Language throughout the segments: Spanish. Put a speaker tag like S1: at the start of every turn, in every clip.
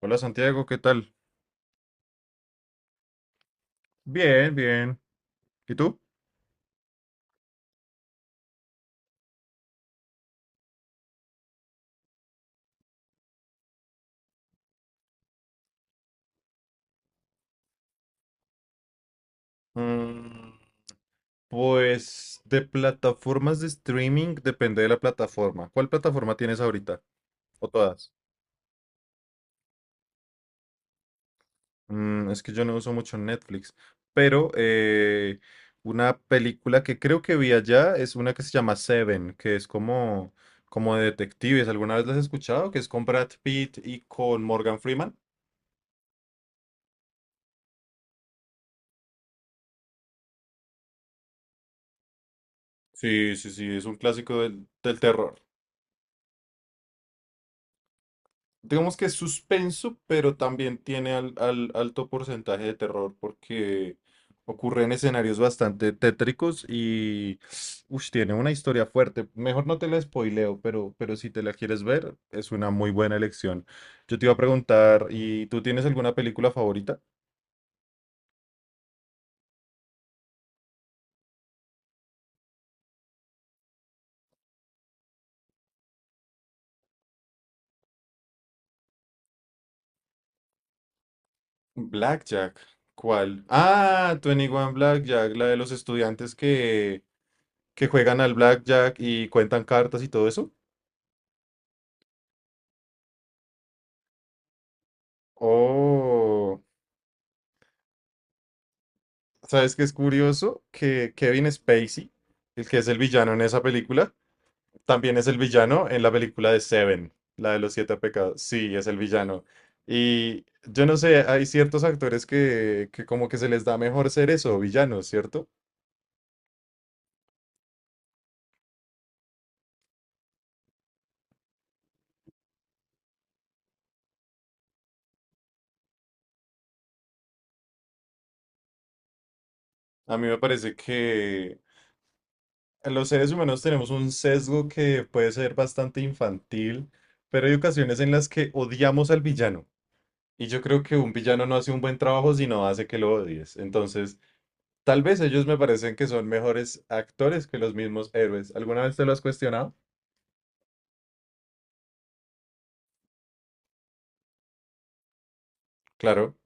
S1: Hola Santiago, ¿qué tal? Bien, bien. ¿Y tú? Mm, pues de plataformas de streaming depende de la plataforma. ¿Cuál plataforma tienes ahorita? ¿O todas? Es que yo no uso mucho Netflix, pero una película que creo que vi allá es una que se llama Seven, que es como de detectives. ¿Alguna vez las has escuchado? Que es con Brad Pitt y con Morgan Freeman. Sí, sí, sí, es un clásico del terror. Digamos que es suspenso, pero también tiene alto porcentaje de terror porque ocurre en escenarios bastante tétricos y tiene una historia fuerte. Mejor no te la spoileo, pero si te la quieres ver, es una muy buena elección. Yo te iba a preguntar, ¿y tú tienes alguna película favorita? Blackjack, ¿cuál? Ah, 21 Blackjack, la de los estudiantes que juegan al Blackjack y cuentan cartas y todo eso. Oh. ¿Sabes qué es curioso? Que Kevin Spacey, el que es el villano en esa película, también es el villano en la película de Seven, la de los siete pecados. Sí, es el villano. Y yo no sé, hay ciertos actores que como que se les da mejor ser eso, villanos, ¿cierto? A mí me parece que los seres humanos tenemos un sesgo que puede ser bastante infantil, pero hay ocasiones en las que odiamos al villano. Y yo creo que un villano no hace un buen trabajo si no hace que lo odies. Entonces, tal vez ellos me parecen que son mejores actores que los mismos héroes. ¿Alguna vez te lo has cuestionado? Claro,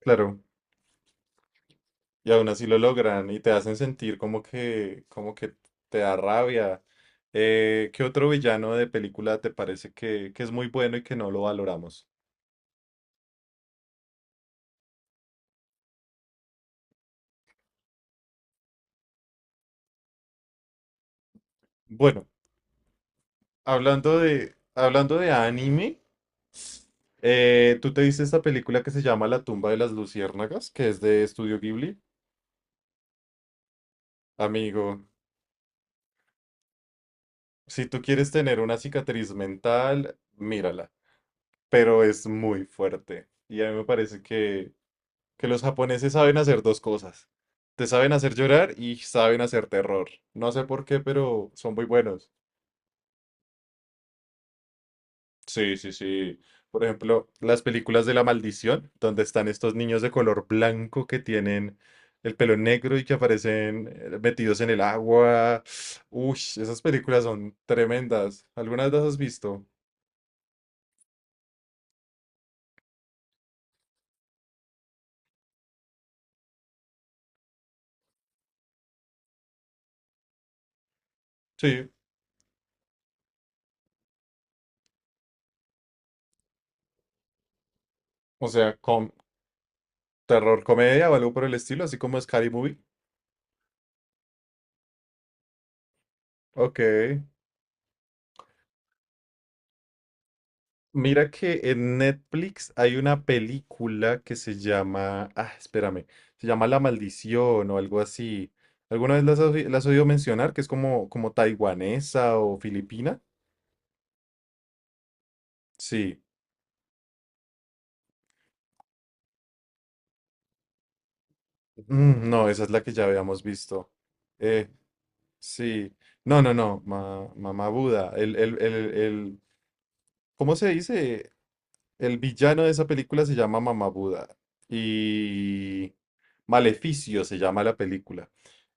S1: claro. Y aún así lo logran y te hacen sentir como que te da rabia. ¿Qué otro villano de película te parece que es muy bueno y que no lo valoramos? Bueno. Hablando de anime, ¿tú te viste esta película que se llama La tumba de las luciérnagas, que es de Estudio Ghibli? Amigo, si tú quieres tener una cicatriz mental, mírala, pero es muy fuerte. Y a mí me parece que los japoneses saben hacer dos cosas. Te saben hacer llorar y saben hacer terror. No sé por qué, pero son muy buenos. Sí, sí, sí. Por ejemplo, las películas de la maldición, donde están estos niños de color blanco que tienen el pelo negro y que aparecen metidos en el agua. Uy, esas películas son tremendas. ¿Algunas las has visto? Sí. O sea, con terror comedia o algo por el estilo, así como Scary Movie. Ok. Mira que en Netflix hay una película que se llama, ah, espérame, se llama La Maldición o algo así. ¿Alguna vez la has oído mencionar? Que es como, como taiwanesa o filipina. Sí. Mm, no, esa es la que ya habíamos visto. Eh, sí. No, no, no, Mamá Buda. ¿Cómo se dice? El villano de esa película se llama Mamá Buda. Y Maleficio se llama la película.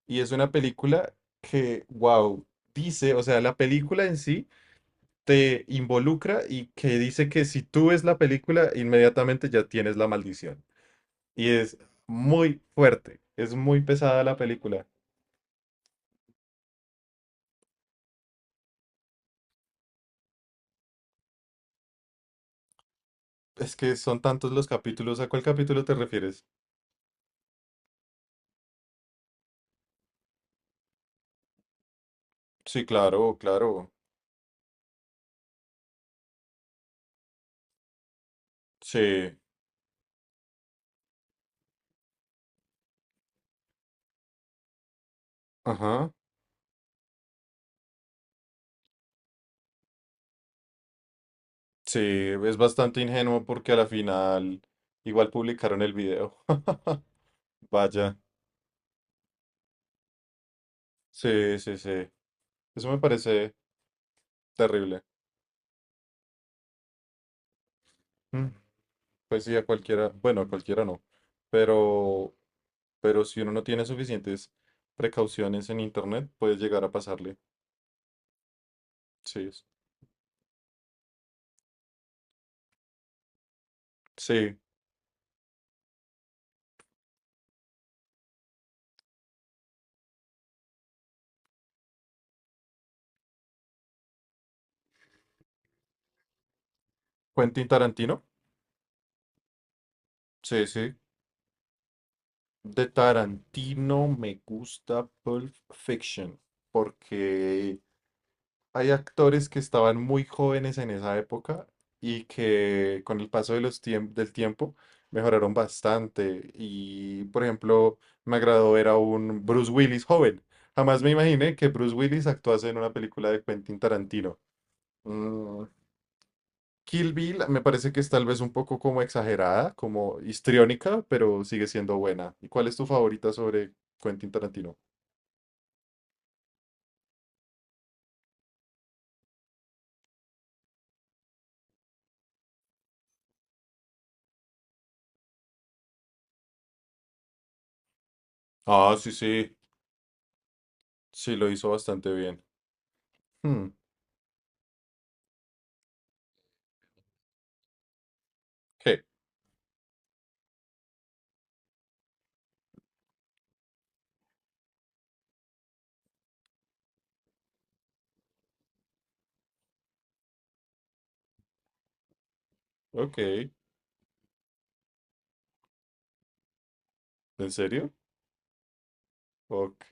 S1: Y es una película que, wow, dice, o sea, la película en sí te involucra y que dice que si tú ves la película, inmediatamente ya tienes la maldición. Y es muy fuerte, es muy pesada la película. Es que son tantos los capítulos. ¿A cuál capítulo te refieres? Sí, claro, claro. Sí, ajá. Sí, es bastante ingenuo porque a la final igual publicaron el video. Vaya. Sí, sí, sí. Eso me parece terrible. Pues sí, a cualquiera, bueno, a cualquiera no, pero, pero si uno no tiene suficientes precauciones en internet, puede llegar a pasarle. Sí, sí. Quentin Tarantino. Sí, sí. De Tarantino me gusta Pulp Fiction porque hay actores que estaban muy jóvenes en esa época y que con el paso de los del tiempo mejoraron bastante. Y, por ejemplo, me agradó ver a un Bruce Willis joven. Jamás me imaginé que Bruce Willis actuase en una película de Quentin Tarantino. Mm, Kill Bill me parece que es tal vez un poco como exagerada, como histriónica, pero sigue siendo buena. ¿Y cuál es tu favorita sobre Quentin Tarantino? Ah, sí, sí, sí, lo hizo bastante bien. Hmm, ok, ok. ¿En serio? Ok.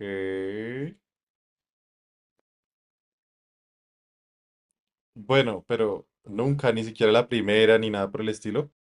S1: Bueno, pero nunca, ni siquiera la primera, ni nada por el estilo.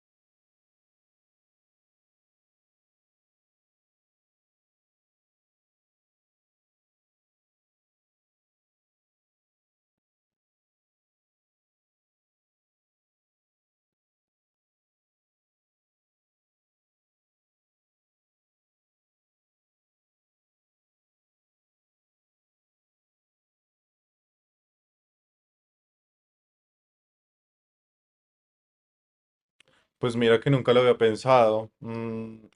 S1: Pues mira que nunca lo había pensado.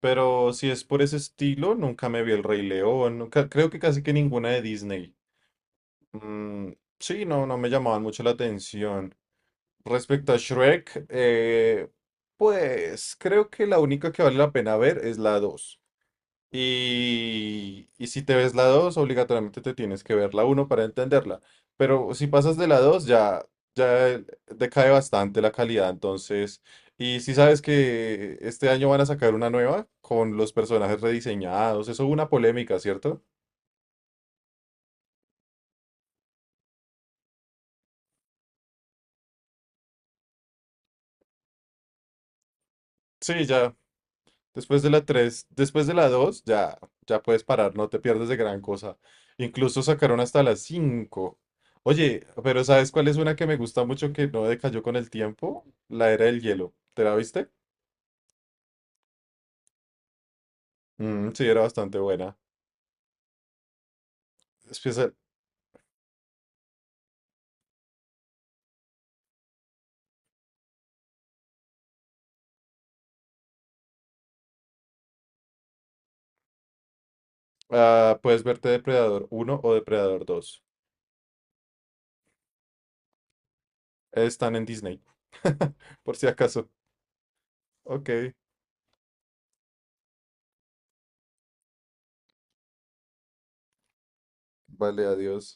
S1: Pero si es por ese estilo, nunca me vi El Rey León. Creo que casi que ninguna de Disney. Mm, sí, no, no me llamaban mucho la atención. Respecto a Shrek, pues creo que la única que vale la pena ver es la 2. Y si te ves la 2 obligatoriamente te tienes que ver la uno para entenderla. Pero si pasas de la 2 ya, ya decae bastante la calidad. Entonces, y si sabes que este año van a sacar una nueva con los personajes rediseñados, eso hubo una polémica, ¿cierto? Sí, ya. Después de la 3, después de la 2, ya, ya puedes parar, no te pierdes de gran cosa. Incluso sacaron hasta la 5. Oye, pero ¿sabes cuál es una que me gusta mucho que no decayó con el tiempo? La Era del Hielo. ¿Te la viste? Mm, sí, era bastante buena. Después, ah, puedes verte Depredador uno o Depredador dos. Están en Disney, por si acaso. Ok, vale, adiós.